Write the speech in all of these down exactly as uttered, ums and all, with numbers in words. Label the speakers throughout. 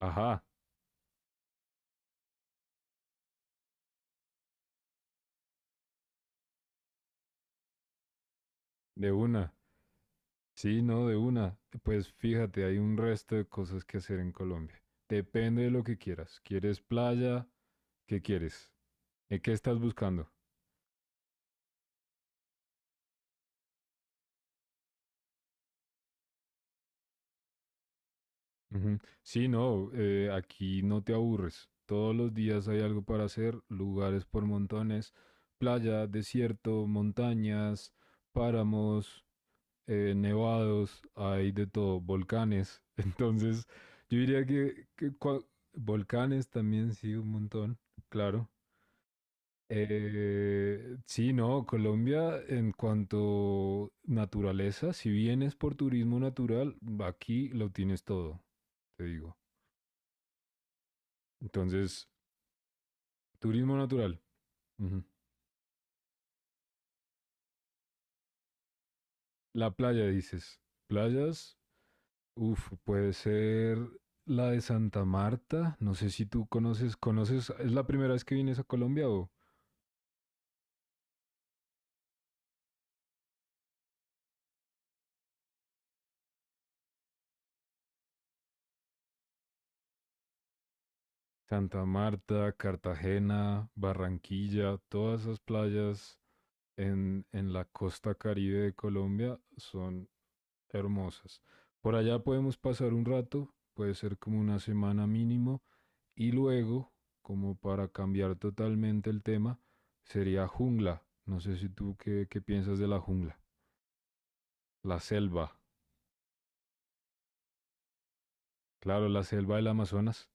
Speaker 1: Ajá, de una. Sí, no, de una. Pues fíjate, hay un resto de cosas que hacer en Colombia. Depende de lo que quieras. ¿Quieres playa? ¿Qué quieres? ¿Eh, ¿Qué estás buscando? Ujú. Sí, no, eh, aquí no te aburres. Todos los días hay algo para hacer, lugares por montones, playa, desierto, montañas, páramos. Eh, nevados, hay de todo, volcanes. Entonces, yo diría que, que cua- volcanes también, sí, un montón, claro. Eh, sí, no, Colombia en cuanto naturaleza, si vienes por turismo natural, aquí lo tienes todo, te digo. Entonces, turismo natural. Ujú. La playa, dices. Playas, uf, puede ser la de Santa Marta. No sé si tú conoces, conoces, ¿es la primera vez que vienes a Colombia o? Santa Marta, Cartagena, Barranquilla, todas esas playas en, en la costa caribe de Colombia son hermosas. Por allá podemos pasar un rato, puede ser como una semana mínimo, y luego, como para cambiar totalmente el tema, sería jungla. No sé si tú qué, qué piensas de la jungla, la selva. Claro, la selva del Amazonas.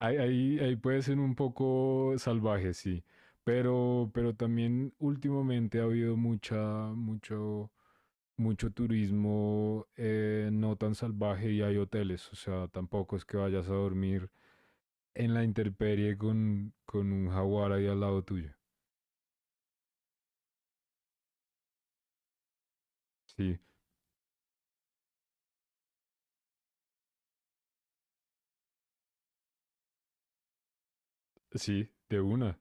Speaker 1: Ahí, ahí, ahí puede ser un poco salvaje, sí. Pero, pero también últimamente ha habido mucha, mucho, mucho turismo, eh, no tan salvaje, y hay hoteles. O sea, tampoco es que vayas a dormir en la intemperie con, con un jaguar ahí al lado tuyo. Sí, sí, de una.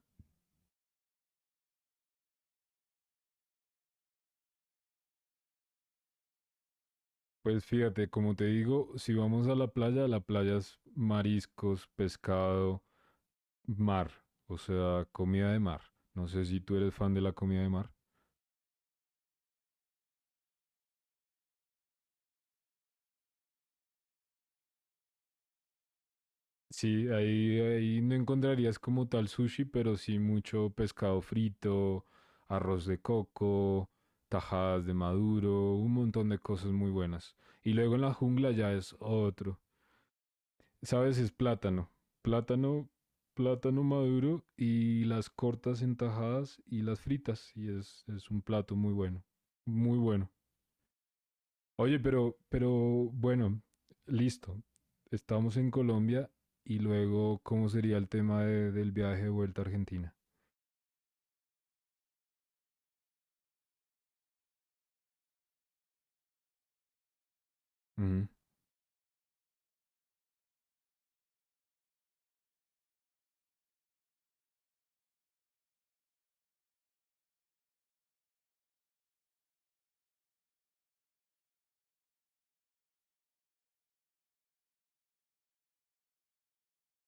Speaker 1: Pues fíjate, como te digo, si vamos a la playa, la playa es mariscos, pescado, mar, o sea, comida de mar. No sé si tú eres fan de la comida de mar. Sí, ahí, ahí no encontrarías como tal sushi, pero sí mucho pescado frito, arroz de coco, tajadas de maduro, un montón de cosas muy buenas. Y luego en la jungla ya es otro. ¿Sabes? Es plátano. Plátano, plátano maduro, y las cortas en tajadas y las fritas. Y es, es un plato muy bueno. Muy bueno. Oye, pero, pero bueno, listo. Estamos en Colombia y luego, ¿cómo sería el tema de- del viaje de vuelta a Argentina? Ujú.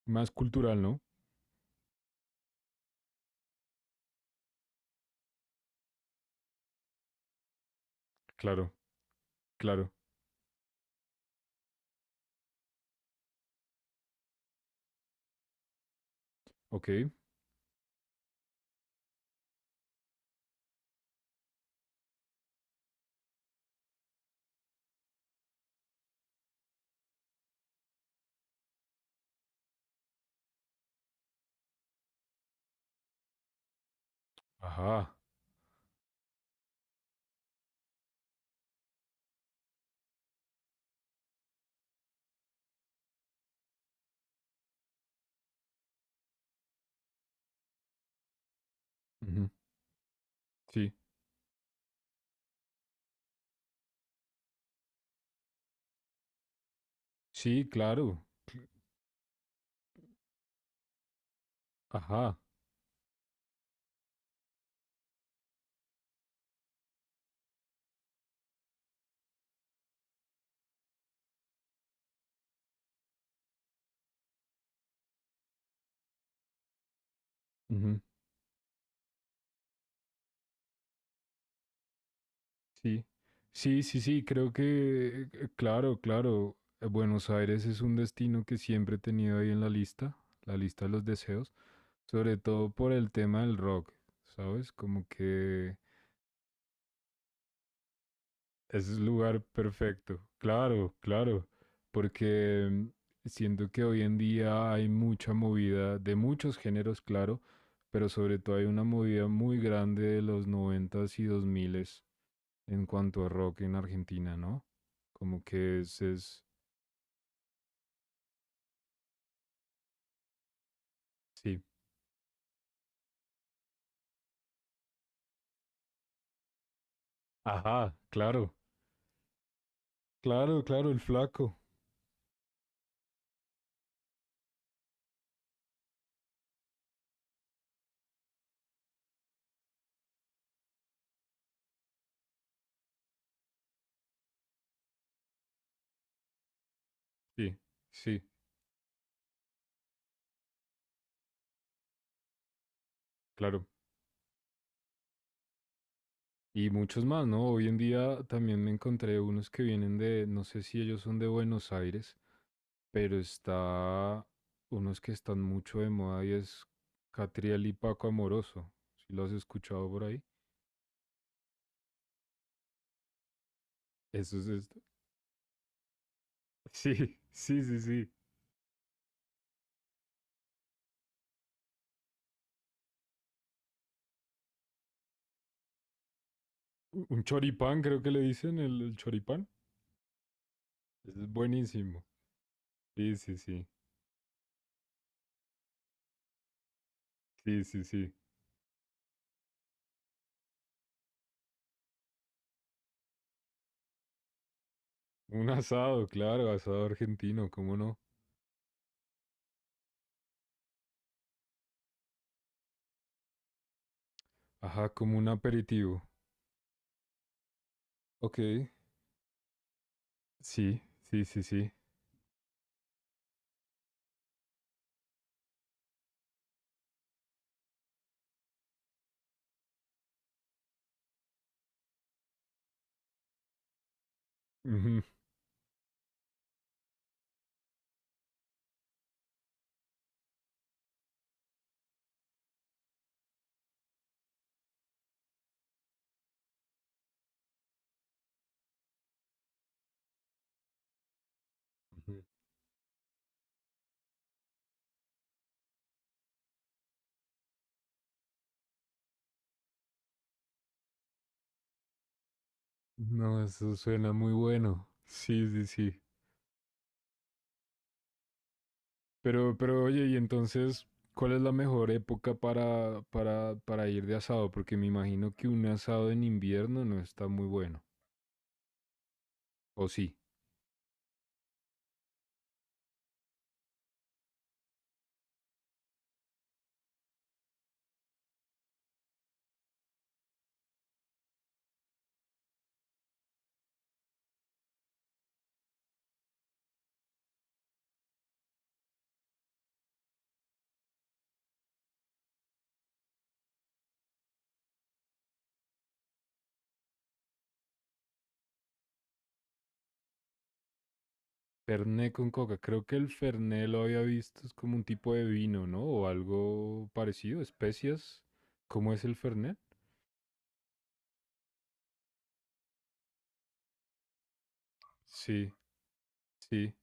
Speaker 1: Más cultural, ¿no? Claro, claro. Ok. Ajá. Ujú. Sí. Sí, claro. Ajá. Ujú. Sí. Sí, sí, sí, creo que, eh, claro, claro. eh, Buenos Aires es un destino que siempre he tenido ahí en la lista, la lista de los deseos, sobre todo por el tema del rock, ¿sabes? Como que... Es el lugar perfecto, claro, claro, porque siento que hoy en día hay mucha movida de muchos géneros, claro, pero sobre todo hay una movida muy grande de los noventas y dos miles en cuanto a rock en Argentina, ¿no? Como que es, es, Sí. Ajá, claro, claro, claro, el flaco. Sí, sí, claro. Y muchos más, ¿no? Hoy en día también me encontré unos que vienen de, no sé si ellos son de Buenos Aires, pero está unos que están mucho de moda, y es Catriel y Paco Amoroso. Si lo has escuchado por ahí. Eso es esto. Sí, sí, sí, sí. Un choripán, creo que le dicen, el, el choripán. Es buenísimo. Sí, sí, sí. Sí, sí, sí. Un asado, claro, asado argentino, ¿cómo no? Ajá, como un aperitivo. Ok. Sí, sí, sí, sí. Ujú. No, eso suena muy bueno. Sí, sí, sí. Pero, pero oye, y entonces, ¿cuál es la mejor época para, para, para ir de asado? Porque me imagino que un asado en invierno no está muy bueno. O sí. Fernet con coca. Creo que el Fernet lo había visto, es como un tipo de vino, ¿no? O algo parecido, especias. ¿Cómo es el Fernet? Sí, sí.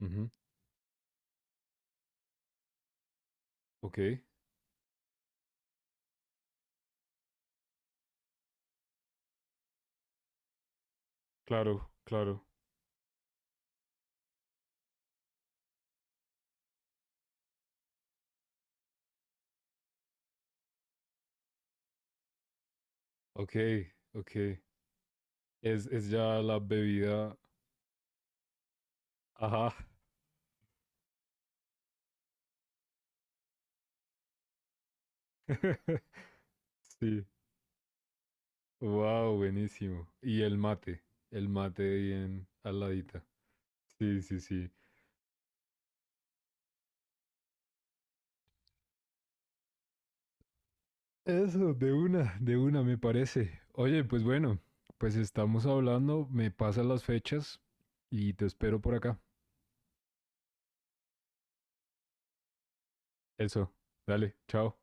Speaker 1: Ujú. Ok, claro, claro. Ok, ok. Es, es ya la bebida. Ajá. Sí. Wow, buenísimo. Y el mate, el mate bien al ladita. Sí, sí, sí. Eso, de una, de una me parece. Oye, pues bueno, pues estamos hablando, me pasan las fechas y te espero por acá. Eso, dale, chao.